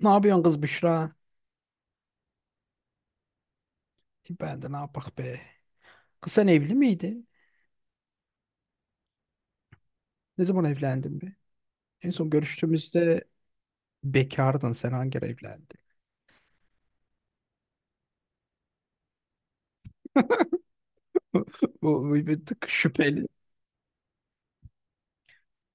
Ne yapıyorsun kız Büşra? Ben de ne yapak be. Kız sen evli miydin? Ne zaman evlendin be? En son görüştüğümüzde bekardın. Sen hangi ara evlendin? Bu bir tık şüpheli.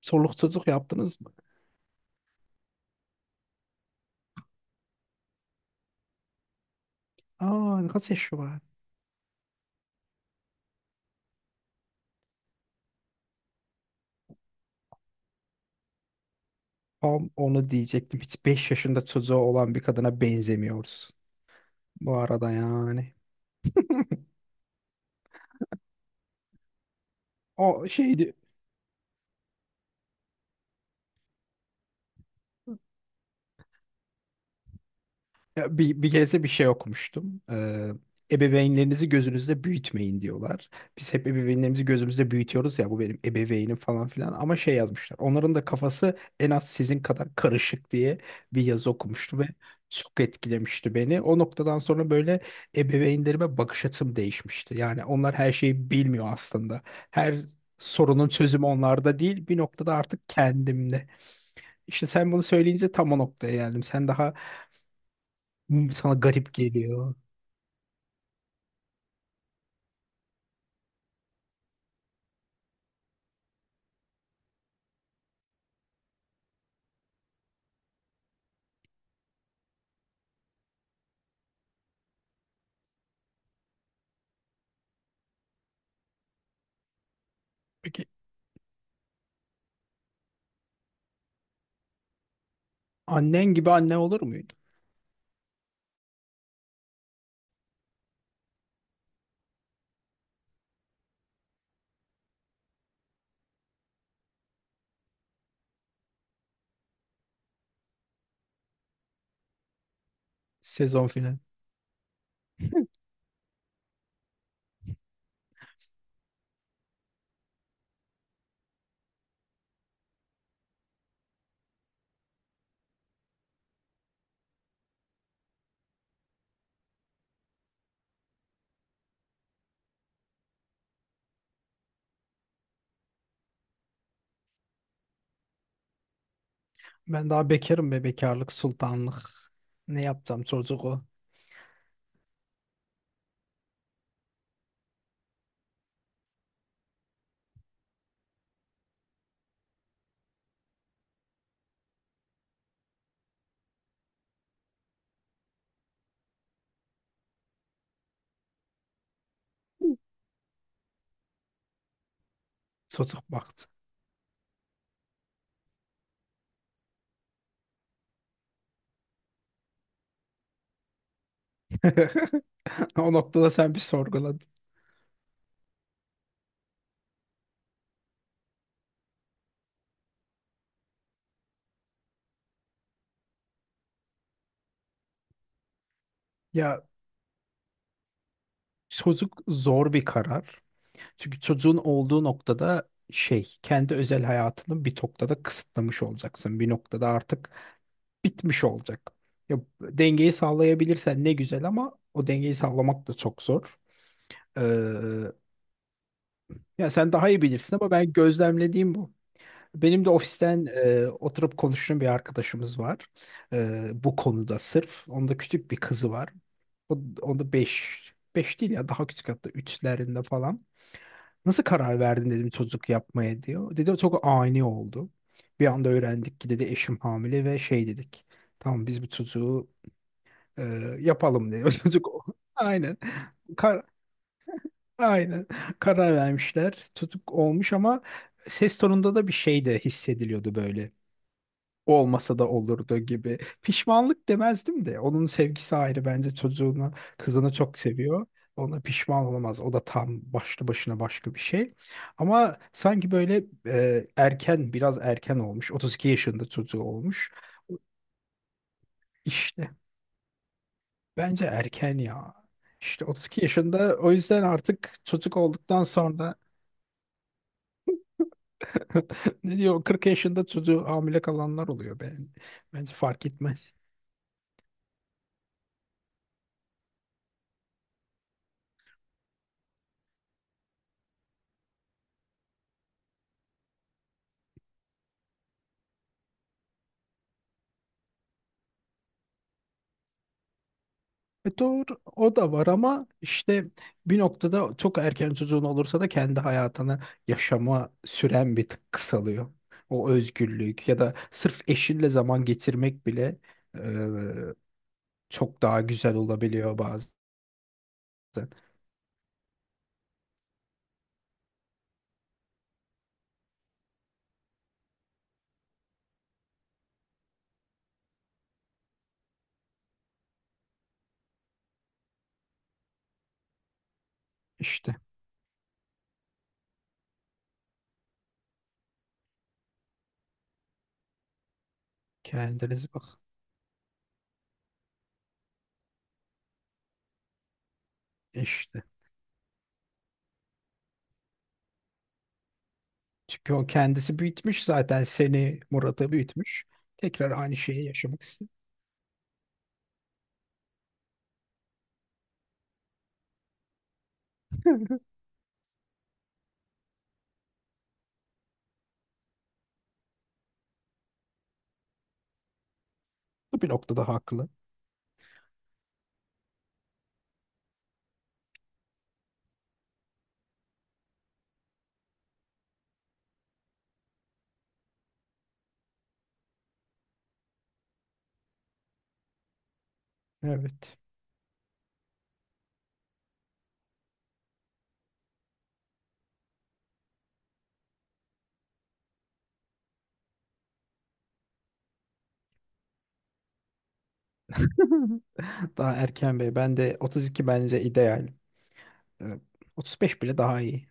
Soluksuzluk yaptınız mı? Aa kaç yaşı var? Tam onu diyecektim. Hiç 5 yaşında çocuğu olan bir kadına benzemiyorsun. Bu arada yani. O şey Ya bir, bir kez de bir şey okumuştum. Ebeveynlerinizi gözünüzde büyütmeyin diyorlar. Biz hep ebeveynlerimizi gözümüzde büyütüyoruz, ya bu benim ebeveynim falan filan, ama şey yazmışlar. Onların da kafası en az sizin kadar karışık diye bir yazı okumuştum ve çok etkilemişti beni. O noktadan sonra böyle ebeveynlerime bakış açım değişmişti. Yani onlar her şeyi bilmiyor aslında. Her sorunun çözümü onlarda değil, bir noktada artık kendimde. İşte sen bunu söyleyince tam o noktaya geldim. Sana garip geliyor. Peki, annen gibi anne olur muydu? Sezon final. Ben daha bekarım be, bekarlık sultanlık. Ne yapacağım çocuk o. Çocuk baktı. O noktada sen bir sorguladın. Ya, çocuk zor bir karar. Çünkü çocuğun olduğu noktada şey, kendi özel hayatını bir noktada kısıtlamış olacaksın. Bir noktada artık bitmiş olacak. Ya dengeyi sağlayabilirsen ne güzel, ama o dengeyi sağlamak da çok zor. Ee, Ya sen daha iyi bilirsin ama ben gözlemlediğim bu. Benim de ofisten oturup konuştuğum bir arkadaşımız var. Bu konuda sırf. Onda küçük bir kızı var. Onda beş, 5 değil ya, daha küçük, hatta üçlerinde falan. Nasıl karar verdin dedim çocuk yapmaya, diyor. Dedi çok ani oldu. Bir anda öğrendik ki, dedi, eşim hamile ve şey dedik. Tamam, biz bu çocuğu e, yapalım, diyor. Çocuk aynen. Kar- Aynen karar vermişler. Tutuk olmuş ama ses tonunda da bir şey de hissediliyordu böyle. Olmasa da olurdu gibi. Pişmanlık demezdim de. Onun sevgisi ayrı, bence çocuğunu, kızını çok seviyor. Ona pişman olamaz. O da tam başlı başına başka bir şey. Ama sanki böyle erken, biraz erken olmuş. 32 yaşında çocuğu olmuş. İşte bence erken ya. İşte 32 yaşında, o yüzden artık çocuk olduktan sonra. Ne diyor? 40 yaşında çocuğu hamile kalanlar oluyor. Bence fark etmez. E doğru, o da var ama işte bir noktada çok erken çocuğun olursa da kendi hayatını yaşama süren bir tık kısalıyor. O özgürlük ya da sırf eşinle zaman geçirmek bile çok daha güzel olabiliyor bazen. İşte kendiniz bak. İşte. Çünkü o kendisi büyütmüş zaten, seni Murat'a büyütmüş. Tekrar aynı şeyi yaşamak istiyor. Bu bir noktada haklı. Evet. Daha erken bey. Ben de 32 bence ideal. Ee, 35 bile daha iyi.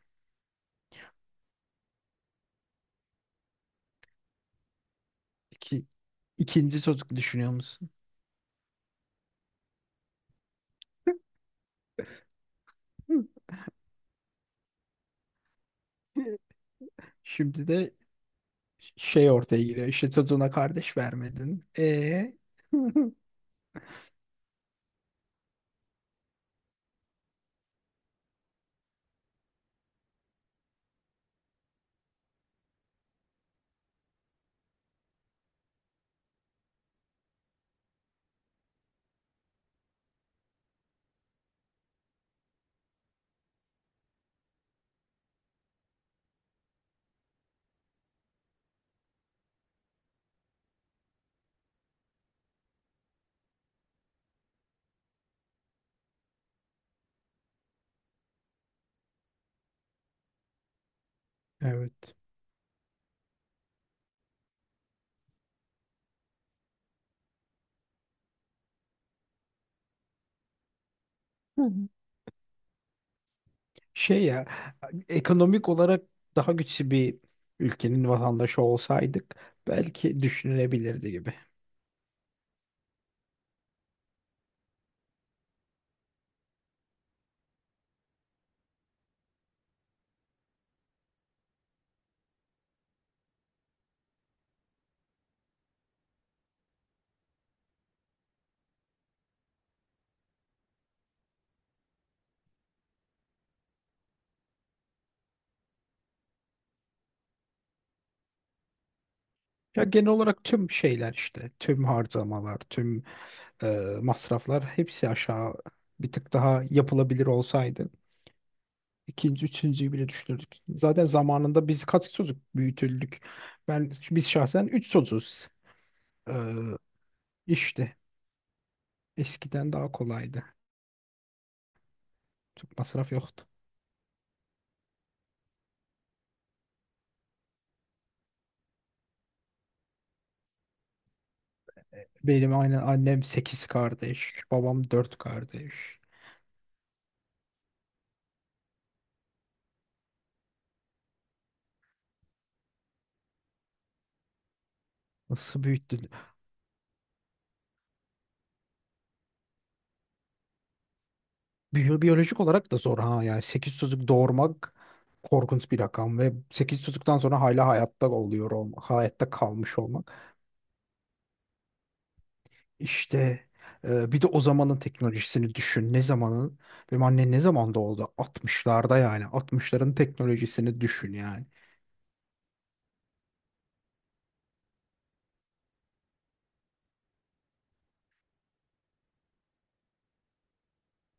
İki, ikinci çocuk düşünüyor musun? Hı. Şimdi de şey ortaya giriyor. İşte çocuğuna kardeş vermedin. E. Evet. Şey ya, ekonomik olarak daha güçlü bir ülkenin vatandaşı olsaydık belki düşünülebilirdi gibi. Ya genel olarak tüm şeyler, işte tüm harcamalar, tüm e, masraflar, hepsi aşağı bir tık daha yapılabilir olsaydı, İkinci, üçüncüyü bile düşünürdük. Zaten zamanında biz kaç çocuk büyütüldük. Ben, biz şahsen üç çocuğuz. E, işte eskiden daha kolaydı. Çok masraf yoktu. Benim aynen annem 8 kardeş, babam 4 kardeş. Nasıl büyüttü. Biyolojik olarak da zor ha. Yani 8 çocuk doğurmak korkunç bir rakam ve 8 çocuktan sonra hala hayatta oluyor olmak, hayatta kalmış olmak. İşte bir de o zamanın teknolojisini düşün. Ne zamanın? Benim anne ne zaman doğdu? Altmışlarda yani. Altmışların teknolojisini düşün yani.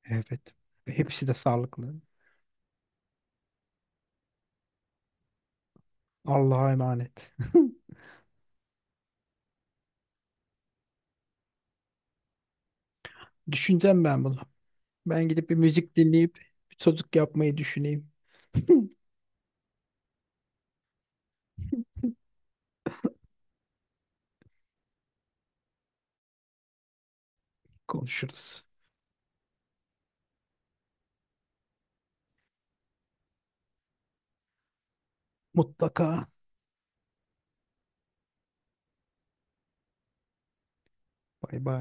Evet. Ve hepsi de sağlıklı. Allah'a emanet. Düşüneceğim ben bunu. Ben gidip bir müzik dinleyip bir çocuk yapmayı düşüneyim. Konuşuruz. Mutlaka. Bay bay.